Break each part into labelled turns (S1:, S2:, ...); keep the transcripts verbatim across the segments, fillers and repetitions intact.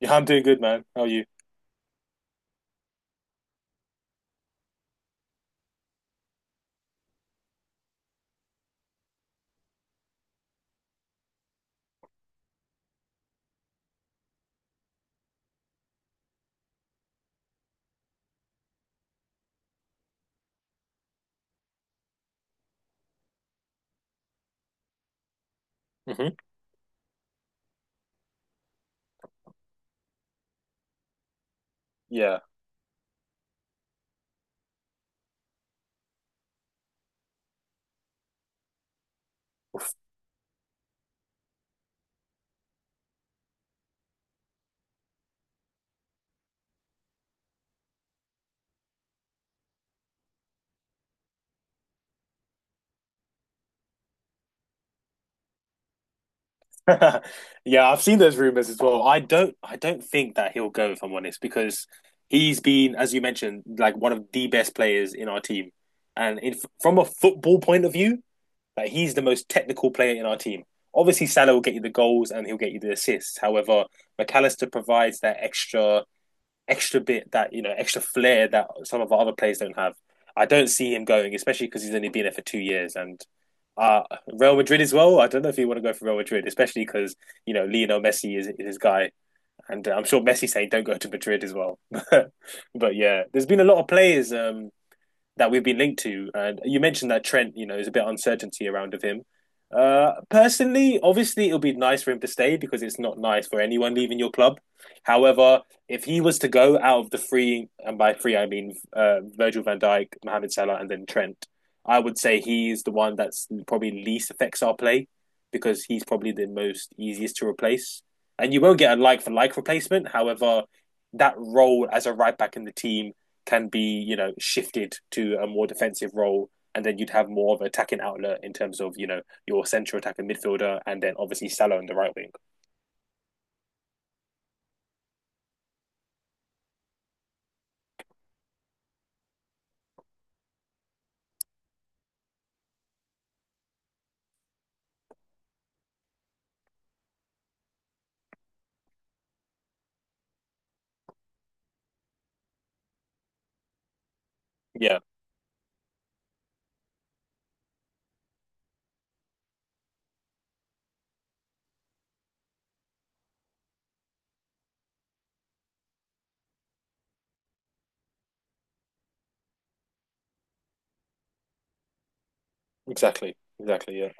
S1: Yeah, I'm doing good, man. How are you? hmm Yeah. Yeah, I've seen those rumors as well. I don't I don't think that he'll go if I'm honest, because he's been, as you mentioned, like one of the best players in our team. And in, from a football point of view, like he's the most technical player in our team. Obviously, Salah will get you the goals and he'll get you the assists. However, McAllister provides that extra extra bit that you know extra flair that some of our other players don't have. I don't see him going, especially because he's only been there for two years and. Uh, Real Madrid as well. I don't know if you want to go for Real Madrid, especially because you know Lionel Messi is, is his guy, and uh, I'm sure Messi saying don't go to Madrid as well. But yeah, there's been a lot of players um, that we've been linked to. And you mentioned that Trent, you know, is a bit of uncertainty around of him. Uh, personally, obviously, it'll be nice for him to stay because it's not nice for anyone leaving your club. However, if he was to go out of the three, and by three I mean uh, Virgil van Dijk, Mohamed Salah, and then Trent, I would say he's the one that's probably least affects our play because he's probably the most easiest to replace. And you won't get a like for like replacement. However, that role as a right back in the team can be you know shifted to a more defensive role, and then you'd have more of an attacking outlet in terms of you know your central attacking midfielder, and then obviously Salah on the right wing. Yeah, exactly, exactly. Yeah.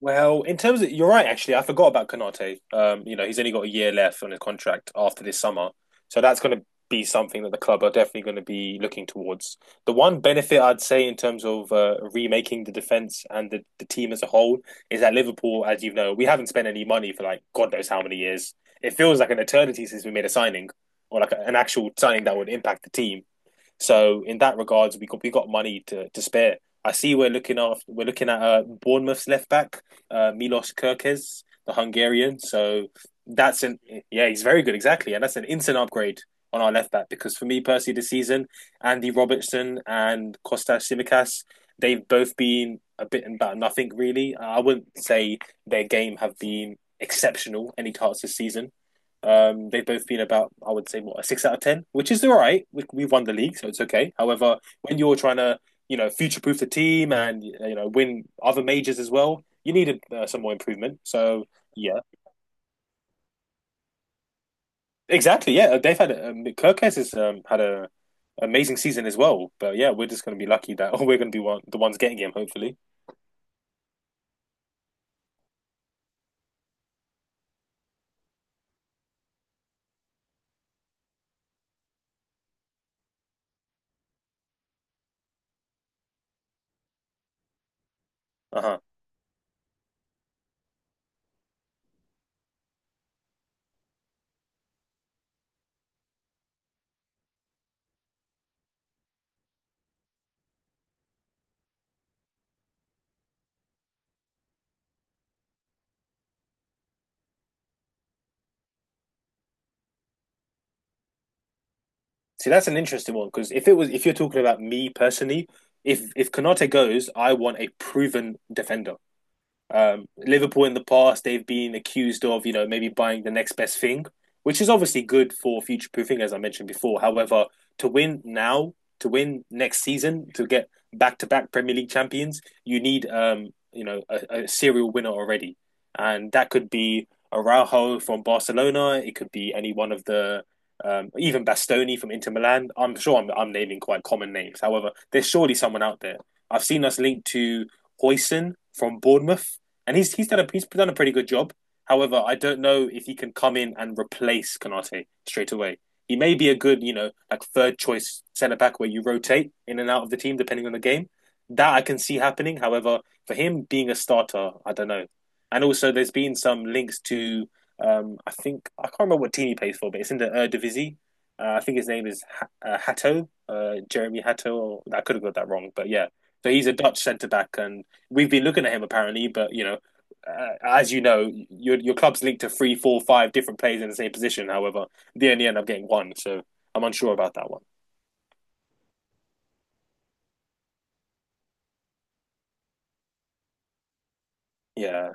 S1: Well, in terms of you're right, actually, I forgot about Konate. Um, you know, he's only got a year left on his contract after this summer, so that's going to be something that the club are definitely going to be looking towards. The one benefit I'd say in terms of uh, remaking the defense and the, the team as a whole is that Liverpool, as you know, we haven't spent any money for like God knows how many years. It feels like an eternity since we made a signing or like an actual signing that would impact the team. So in that regards, we got we got money to, to spare. I see we're looking after We're looking at uh, Bournemouth's left back, uh, Milos Kirkes, the Hungarian. So that's an yeah, he's very good exactly, and that's an instant upgrade on our left back because for me personally this season, Andy Robertson and Kostas Simikas, they've both been a bit about nothing really. I wouldn't say their game have been exceptional any parts this season. Um, they've both been about, I would say, what, a six out of ten, which is all right. We, we've won the league, so it's okay. However, when you're trying to, you know, future-proof the team, and, you know, win other majors as well, you need uh, some more improvement. So, yeah, exactly, yeah. uh, They've had um, Kirkes has um, had a amazing season as well. But yeah, we're just going to be lucky that we're going to be one, the ones getting him, hopefully. Uh-huh. See, that's an interesting one because if it was, if you're talking about me personally, if if Konate goes, I want a proven defender. Um, Liverpool in the past, they've been accused of, you know, maybe buying the next best thing, which is obviously good for future proofing, as I mentioned before. However, to win now, to win next season, to get back to back Premier League champions, you need, um, you know, a, a serial winner already. And that could be Araujo from Barcelona. It could be any one of the, um, even Bastoni from Inter Milan. I'm sure I'm, I'm naming quite common names. However, there's surely someone out there. I've seen us linked to Hoyson from Bournemouth, and he's he's done a he's done a pretty good job. However, I don't know if he can come in and replace Konate straight away. He may be a good, you know, like third choice centre back where you rotate in and out of the team depending on the game. That I can see happening. However, for him being a starter, I don't know. And also, there's been some links to, um, I think I can't remember what team he plays for, but it's in the Eredivisie. Uh, I think his name is H- uh, Hatto, uh, Jeremy Hatto. Or, I could have got that wrong, but yeah. So he's a Dutch centre back, and we've been looking at him apparently, but you know uh, as you know, your your club's linked to three, four, five different players in the same position. However, they only end up getting one, so I'm unsure about that one. Yeah,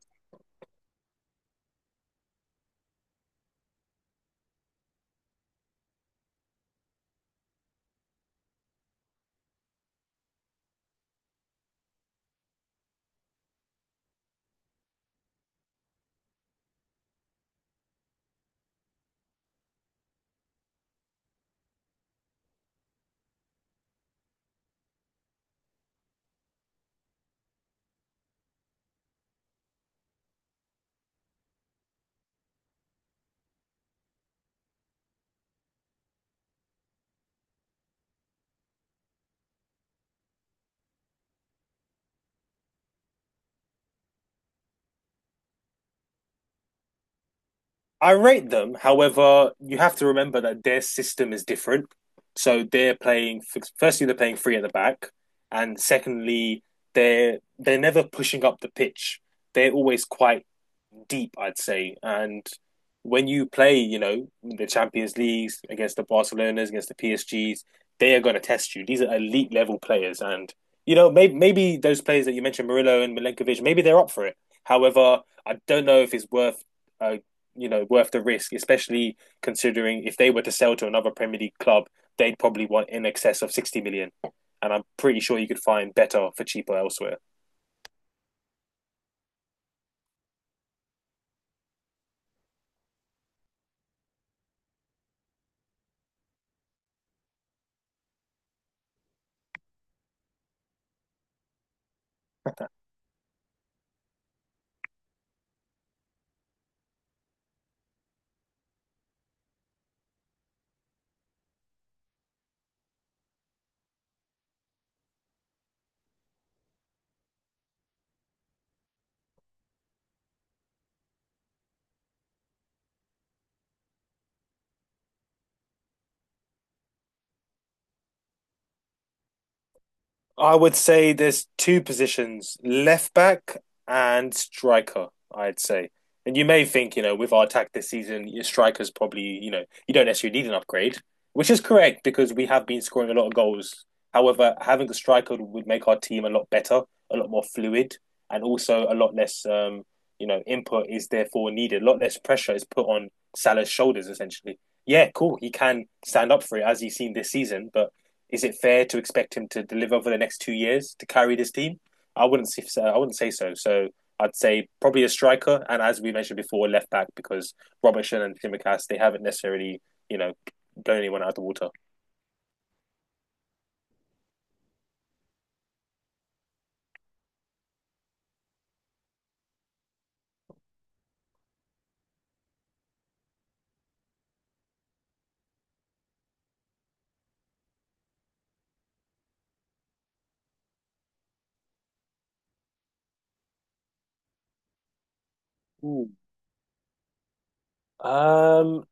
S1: I rate them. However, you have to remember that their system is different. So they're playing. Firstly, they're playing three at the back, and secondly, they're they're never pushing up the pitch. They're always quite deep, I'd say. And when you play, you know, the Champions Leagues against the Barcelonas, against the P S Gs, they are going to test you. These are elite level players, and you know, maybe maybe those players that you mentioned, Murillo and Milenkovic, maybe they're up for it. However, I don't know if it's worth, uh, you know, worth the risk, especially considering if they were to sell to another Premier League club, they'd probably want in excess of sixty million, and I'm pretty sure you could find better for cheaper elsewhere. I would say there's two positions, left back and striker, I'd say. And you may think, you know, with our attack this season, your striker's probably, you know, you don't necessarily need an upgrade, which is correct because we have been scoring a lot of goals. However, having a striker would make our team a lot better, a lot more fluid, and also a lot less, um, you know, input is therefore needed. A lot less pressure is put on Salah's shoulders, essentially. Yeah, cool. He can stand up for it, as he's seen this season, but is it fair to expect him to deliver for the next two years to carry this team? I wouldn't say so. I wouldn't say so. So I'd say probably a striker, and as we mentioned before, left back because Robertson and Simicast they haven't necessarily you know blown anyone out of the water. Ooh. Um,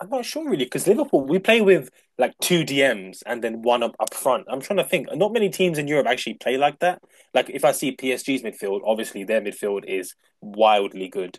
S1: I'm not sure really because Liverpool we play with like two D Ms and then one up up front. I'm trying to think. Not many teams in Europe actually play like that. Like if I see P S G's midfield, obviously their midfield is wildly good.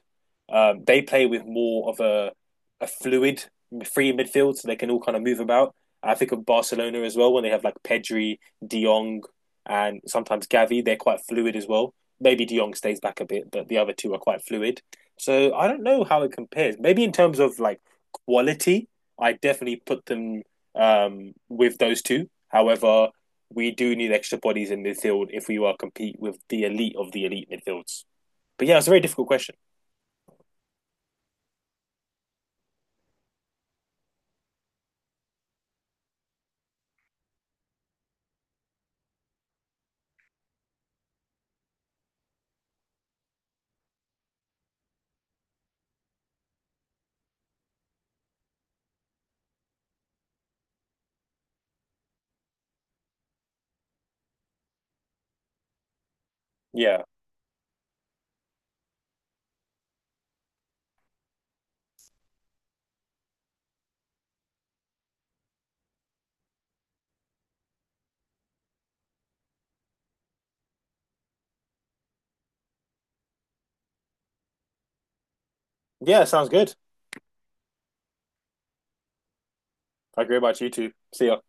S1: Um, they play with more of a a fluid free midfield, so they can all kind of move about. I think of Barcelona as well when they have like Pedri, De Jong, and sometimes Gavi. They're quite fluid as well. Maybe De Jong stays back a bit, but the other two are quite fluid. So I don't know how it compares. Maybe in terms of like quality, I definitely put them um, with those two. However, we do need extra bodies in midfield if we are compete with the elite of the elite midfields. But yeah, it's a very difficult question. Yeah, yeah, sounds good. I agree about you too. See ya.